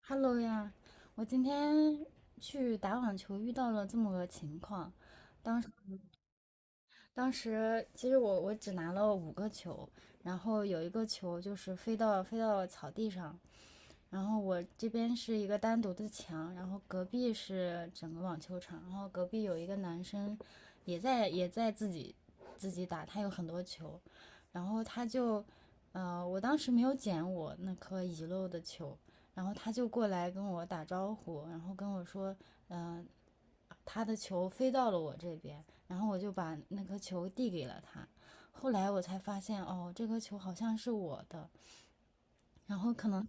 Hello 呀，我今天去打网球遇到了这么个情况。当时当时其实我只拿了五个球，然后有一个球就是飞到草地上，然后我这边是一个单独的墙，然后隔壁是整个网球场，然后隔壁有一个男生也在自己打，他有很多球，然后他就，我当时没有捡我那颗遗漏的球，然后他就过来跟我打招呼，然后跟我说，嗯、呃他的球飞到了我这边，然后我就把那颗球递给了他。后来我才发现，哦，这颗球好像是我的，然后可能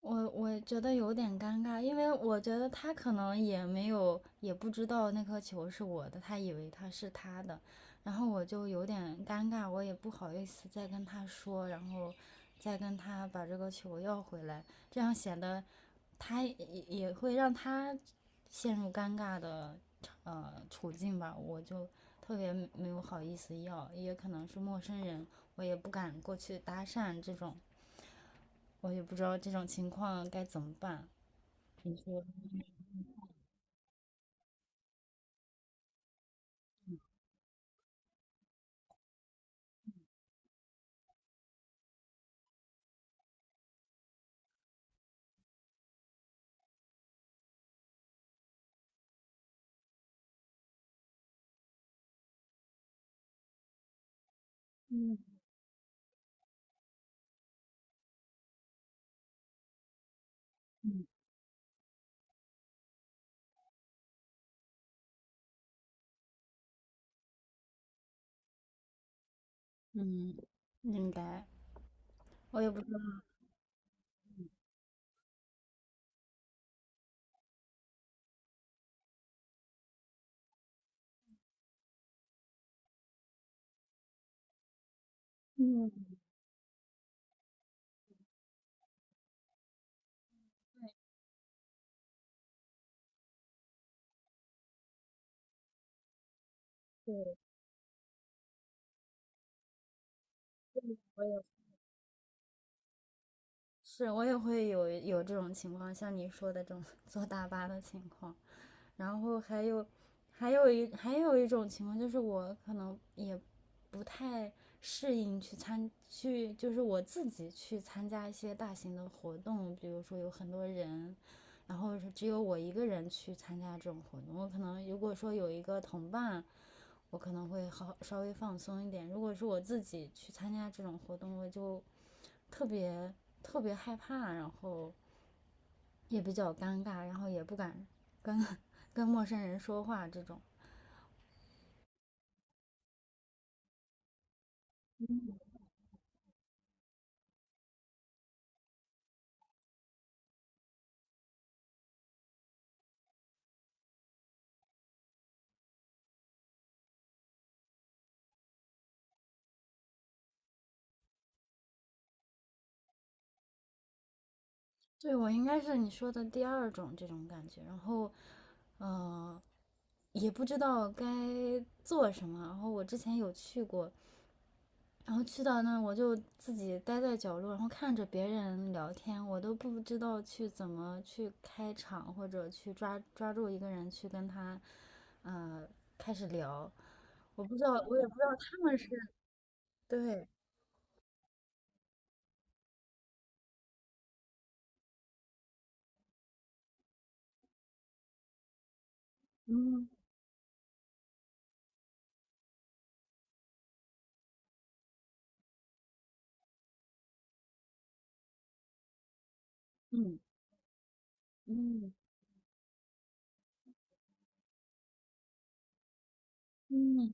我觉得有点尴尬，因为我觉得他可能也没有，也不知道那颗球是我的，他以为他是他的，然后我就有点尴尬，我也不好意思再跟他说，然后再跟他把这个球要回来，这样显得他也会让他陷入尴尬的处境吧，我就特别没有好意思要，也可能是陌生人，我也不敢过去搭讪这种，我也不知道这种情况该怎么办。嗯，应该，我也不知道。是我也会有这种情况，像你说的这种 坐大巴的情况，然后还有一种情况就是我可能也不太适应去，就是我自己去参加一些大型的活动，比如说有很多人，然后是只有我一个人去参加这种活动，我可能如果说有一个同伴。我可能会好稍微放松一点。如果是我自己去参加这种活动，我就特别特别害怕，然后也比较尴尬，然后也不敢 跟跟陌生人说话这种。对，我应该是你说的第二种这种感觉，然后呃也不知道该做什么。然后我之前有去过，然后去到那我就自己待在角落，然后看着别人聊天，我都不知道去怎么去开场或者去抓住一个人去跟他呃开始聊。我不知道，我也不知道他们是。对，嗯嗯，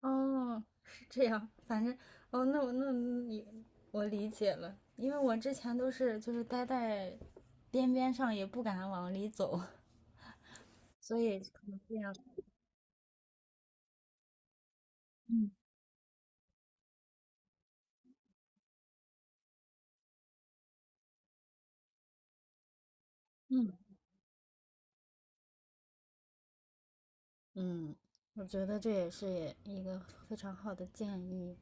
哦，是这样，反正哦，那我那你我理解了，因为我之前都是就是待在边边上，也不敢往里走，所以可能这样。嗯嗯嗯，我觉得这也是一个非常好的建议。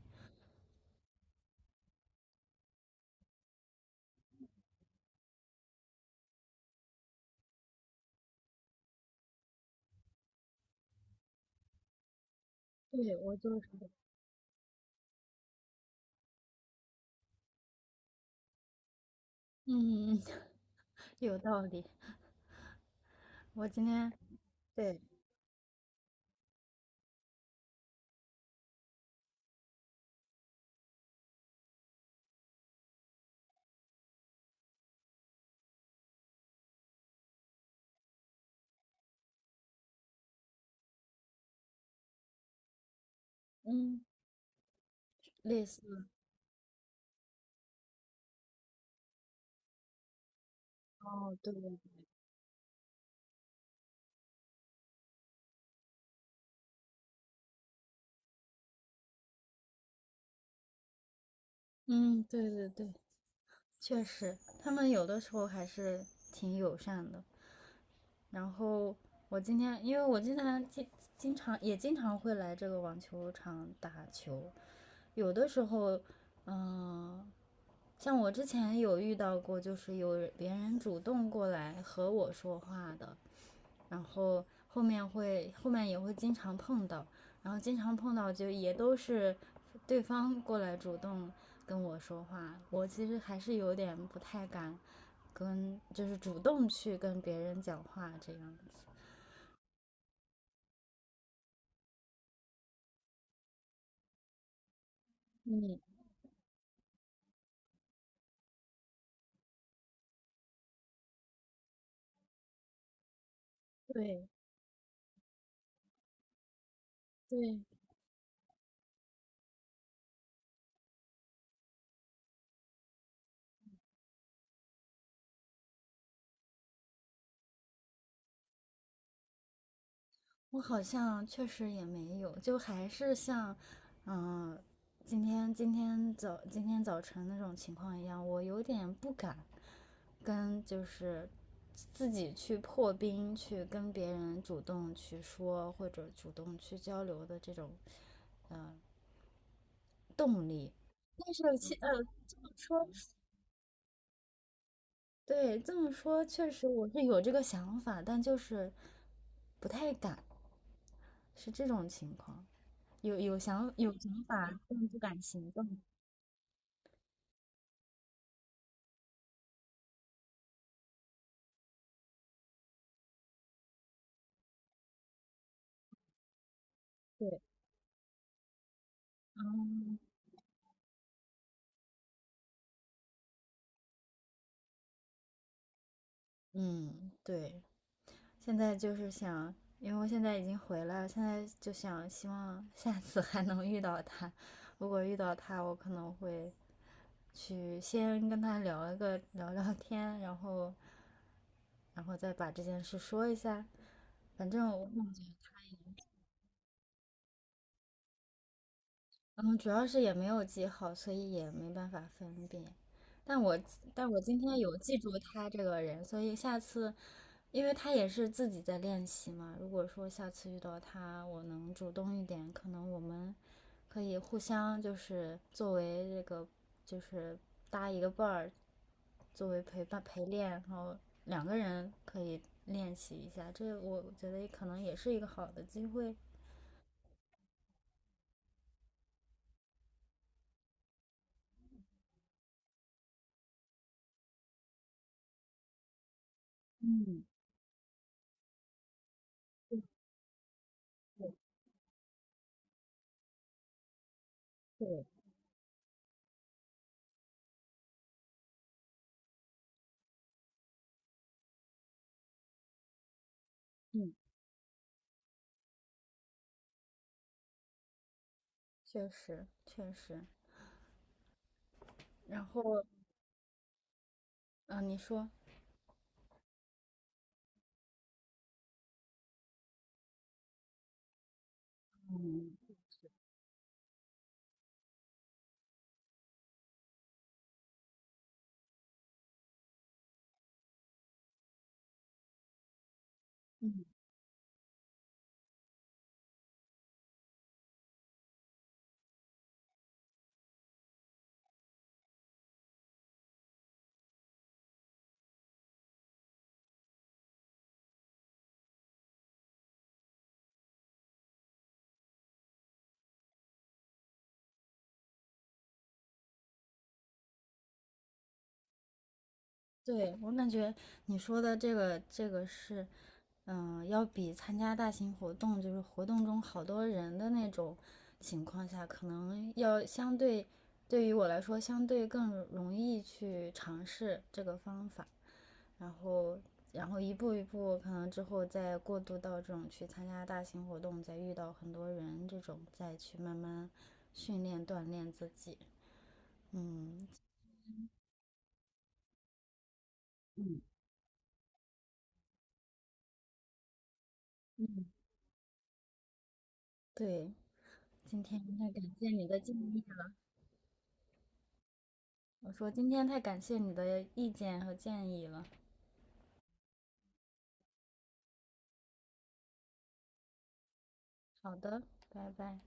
对，我就是嗯，有道理。我今天。对，嗯，类似。哦，对，嗯，对对对，确实，他们有的时候还是挺友善的。然后我今天，因为我经常经经常也经常会来这个网球场打球，有的时候，嗯，像我之前有遇到过，就是有别人主动过来和我说话的，然后后面会后面也会经常碰到，然后经常碰到就也都是对方过来主动跟我说话，我其实还是有点不太敢跟，就是主动去跟别人讲话这样。嗯。对对，我好像确实也没有，就还是像，嗯、今天早晨那种情况一样，我有点不敢跟就是自己去破冰，去跟别人主动去说或者主动去交流的这种嗯、动力。但是这么说。对，这么说，确实我是有这个想法，但就是不太敢，是这种情况。有想法，但不敢行动。对，嗯，对。现在就是想，因为我现在已经回来了，现在就想希望下次还能遇到他。如果遇到他，我可能会去先跟他聊一个聊聊天，然后再把这件事说一下。反正我。嗯，主要是也没有记好，所以也没办法分辨。但我但我今天有记住他这个人，所以下次，因为他也是自己在练习嘛。如果说下次遇到他，我能主动一点，可能我们可以互相就是作为这个就是搭一个伴儿，作为陪伴陪练，然后两个人可以练习一下。这我觉得可能也是一个好的机会，确实确实。然后，嗯，你说。对，我感觉你说的这个是，要比参加大型活动，就是活动中好多人的那种情况下，可能要相对，对于我来说，相对更容易去尝试这个方法，然后然后一步一步，可能之后再过渡到这种去参加大型活动，再遇到很多人这种，再去慢慢训练锻炼自己。嗯，对，今天那感谢你的建议。我说今天太感谢你的意见和建议了。好的，拜拜。